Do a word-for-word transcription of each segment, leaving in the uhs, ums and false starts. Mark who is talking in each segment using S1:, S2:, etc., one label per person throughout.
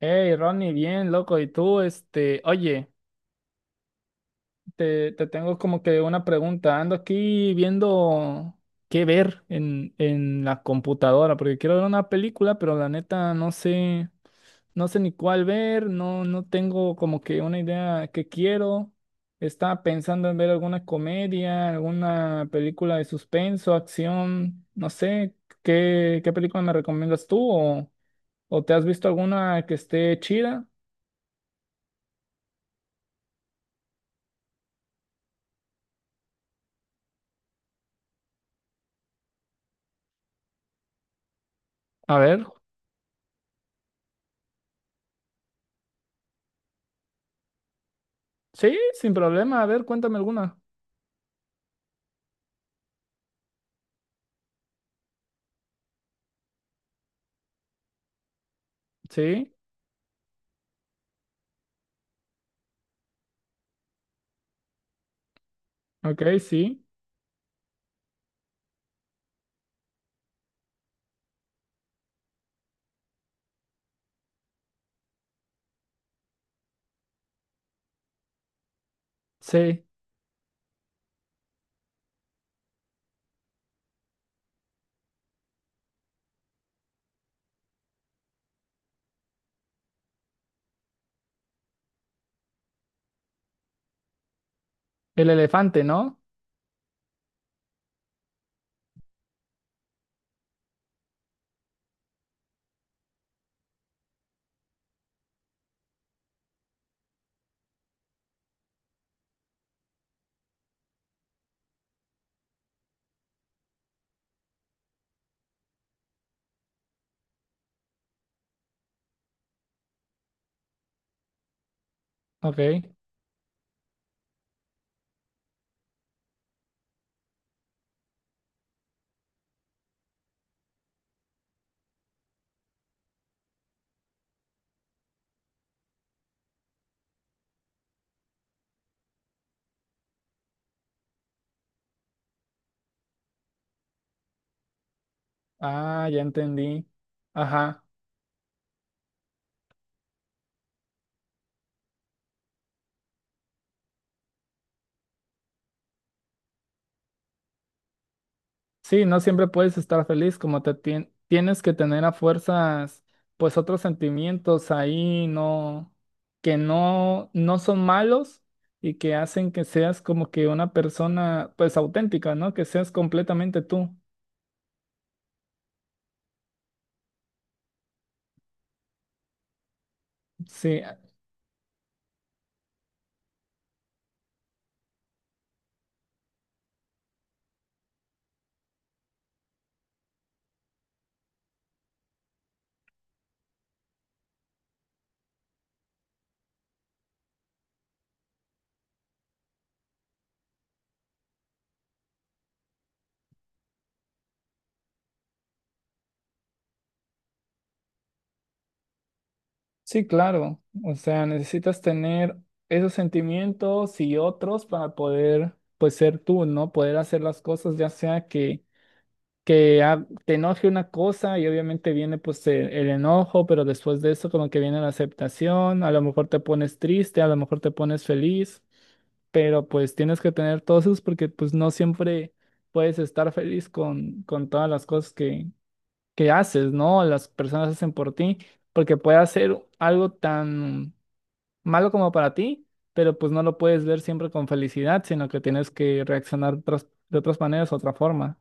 S1: Hey, Ronnie, bien, loco. Y tú, este, oye, te, te tengo como que una pregunta. Ando aquí viendo qué ver en, en la computadora, porque quiero ver una película, pero la neta no sé, no sé ni cuál ver, no, no tengo como que una idea que quiero. Estaba pensando en ver alguna comedia, alguna película de suspenso, acción, no sé, ¿qué, qué película me recomiendas tú? ¿O, o te has visto alguna que esté chida? A ver. Sí, sin problema. A ver, cuéntame alguna. Sí, ok, sí, sí. El elefante, ¿no? Ok. Ah, ya entendí. Ajá. Sí, no siempre puedes estar feliz, como te tien- tienes que tener a fuerzas, pues otros sentimientos ahí, no, que no, no son malos y que hacen que seas como que una persona, pues auténtica, ¿no? Que seas completamente tú. Sí. Sí, claro. O sea, necesitas tener esos sentimientos y otros para poder, pues, ser tú, ¿no? Poder hacer las cosas, ya sea que, que ah, te enoje una cosa y obviamente viene, pues, el, el enojo, pero después de eso como que viene la aceptación, a lo mejor te pones triste, a lo mejor te pones feliz, pero pues tienes que tener todos esos porque, pues, no siempre puedes estar feliz con, con todas las cosas que que haces, ¿no? Las personas hacen por ti, porque puede hacer algo tan malo como para ti, pero pues no lo puedes ver siempre con felicidad, sino que tienes que reaccionar otras- de otras maneras, otra forma.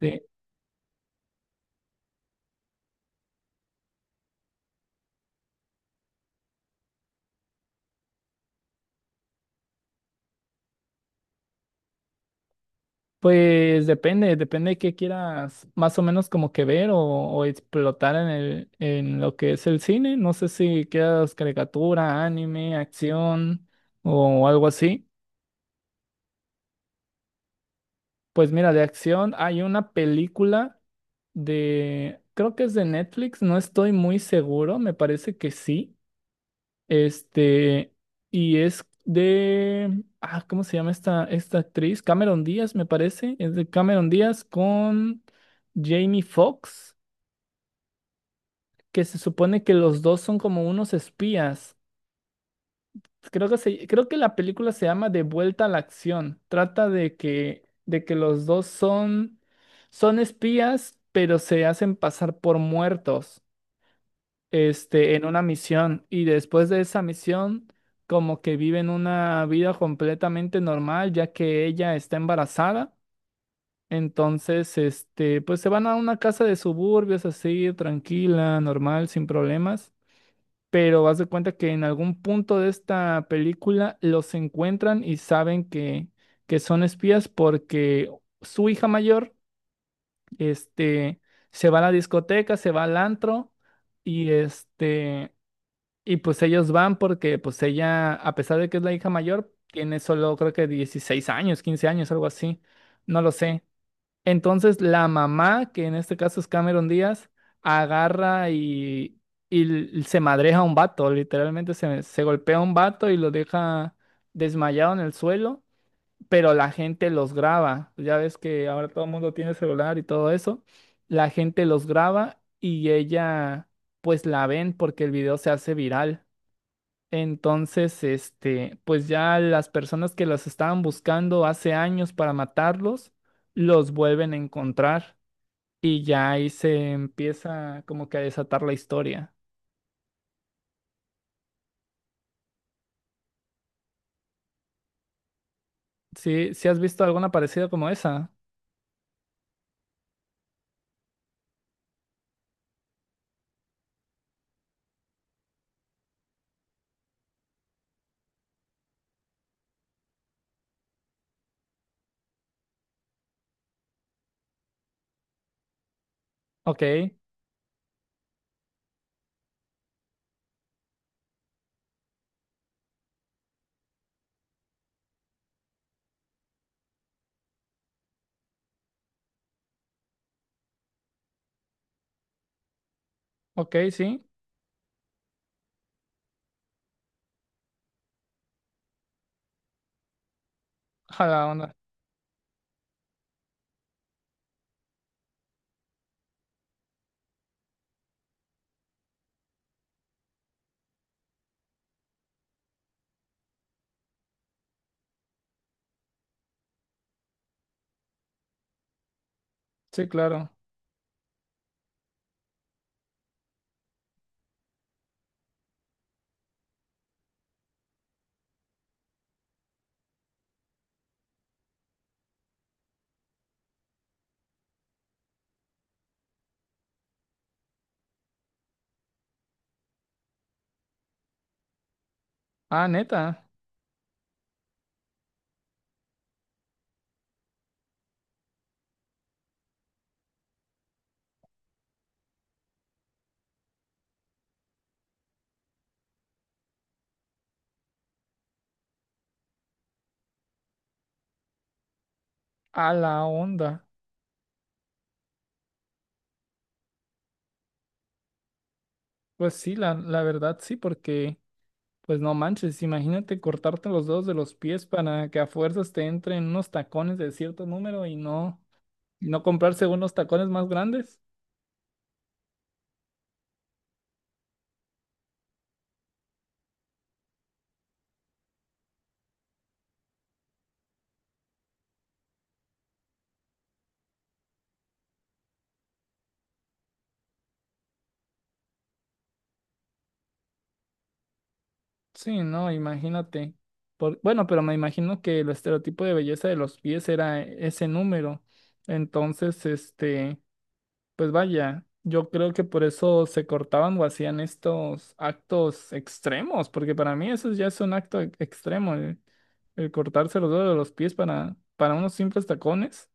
S1: Sí. Pues depende, depende de qué quieras más o menos como que ver o, o explotar en el, en lo que es el cine. No sé si quieras caricatura, anime, acción o algo así. Pues mira, de acción hay una película de, creo que es de Netflix, no estoy muy seguro, me parece que sí. Este, y es de, ah, ¿cómo se llama esta, esta actriz? Cameron Díaz, me parece. Es de Cameron Díaz con Jamie Foxx, que se supone que los dos son como unos espías. Creo que se- creo que la película se llama De vuelta a la acción. Trata de que, de que los dos son, son espías, pero se hacen pasar por muertos, este, en una misión. Y después de esa misión, como que viven una vida completamente normal, ya que ella está embarazada. Entonces, este, pues se van a una casa de suburbios así, tranquila, normal, sin problemas, pero haz de cuenta que en algún punto de esta película los encuentran y saben que, que son espías porque su hija mayor, este, se va a la discoteca, se va al antro y este, y pues ellos van porque pues ella, a pesar de que es la hija mayor, tiene solo creo que dieciséis años, quince años, algo así, no lo sé. Entonces la mamá, que en este caso es Cameron Díaz, agarra y, y l- se madreja a un vato, literalmente se, se golpea a un vato y lo deja desmayado en el suelo, pero la gente los graba. Ya ves que ahora todo el mundo tiene celular y todo eso. La gente los graba y ella, pues la ven porque el video se hace viral. Entonces, este, pues ya las personas que los estaban buscando hace años para matarlos, los vuelven a encontrar y ya ahí se empieza como que a desatar la historia. ¿Sí, sí has visto alguna parecida como esa? Ok, ok, sí. A la onda. Sí, claro. Ah, neta. A la onda. Pues sí, la, la verdad sí, porque, pues no manches, imagínate cortarte los dedos de los pies para que a fuerzas te entren unos tacones de cierto número y no. ¿Y no comprarse unos tacones más grandes? Sí, no, imagínate. Por- bueno, pero me imagino que el estereotipo de belleza de los pies era ese número. Entonces, este, pues vaya, yo creo que por eso se cortaban o hacían estos actos extremos, porque para mí eso ya es un acto e- extremo, el, el cortarse los dedos de los pies para, para unos simples tacones.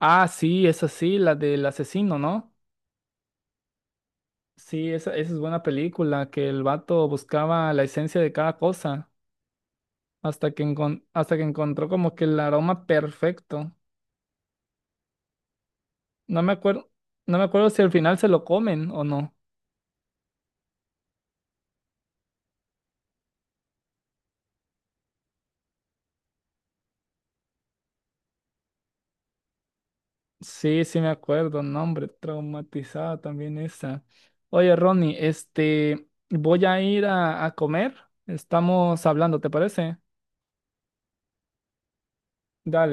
S1: Ah, sí, es así, la del asesino, ¿no? Sí, esa, esa es buena película, que el vato buscaba la esencia de cada cosa hasta que, encon- hasta que encontró como que el aroma perfecto. No me acuerdo, no me acuerdo si al final se lo comen o no. Sí, sí me acuerdo, no, hombre, traumatizada también esa. Oye, Ronnie, este, voy a ir a, a comer. Estamos hablando, ¿te parece? Dale.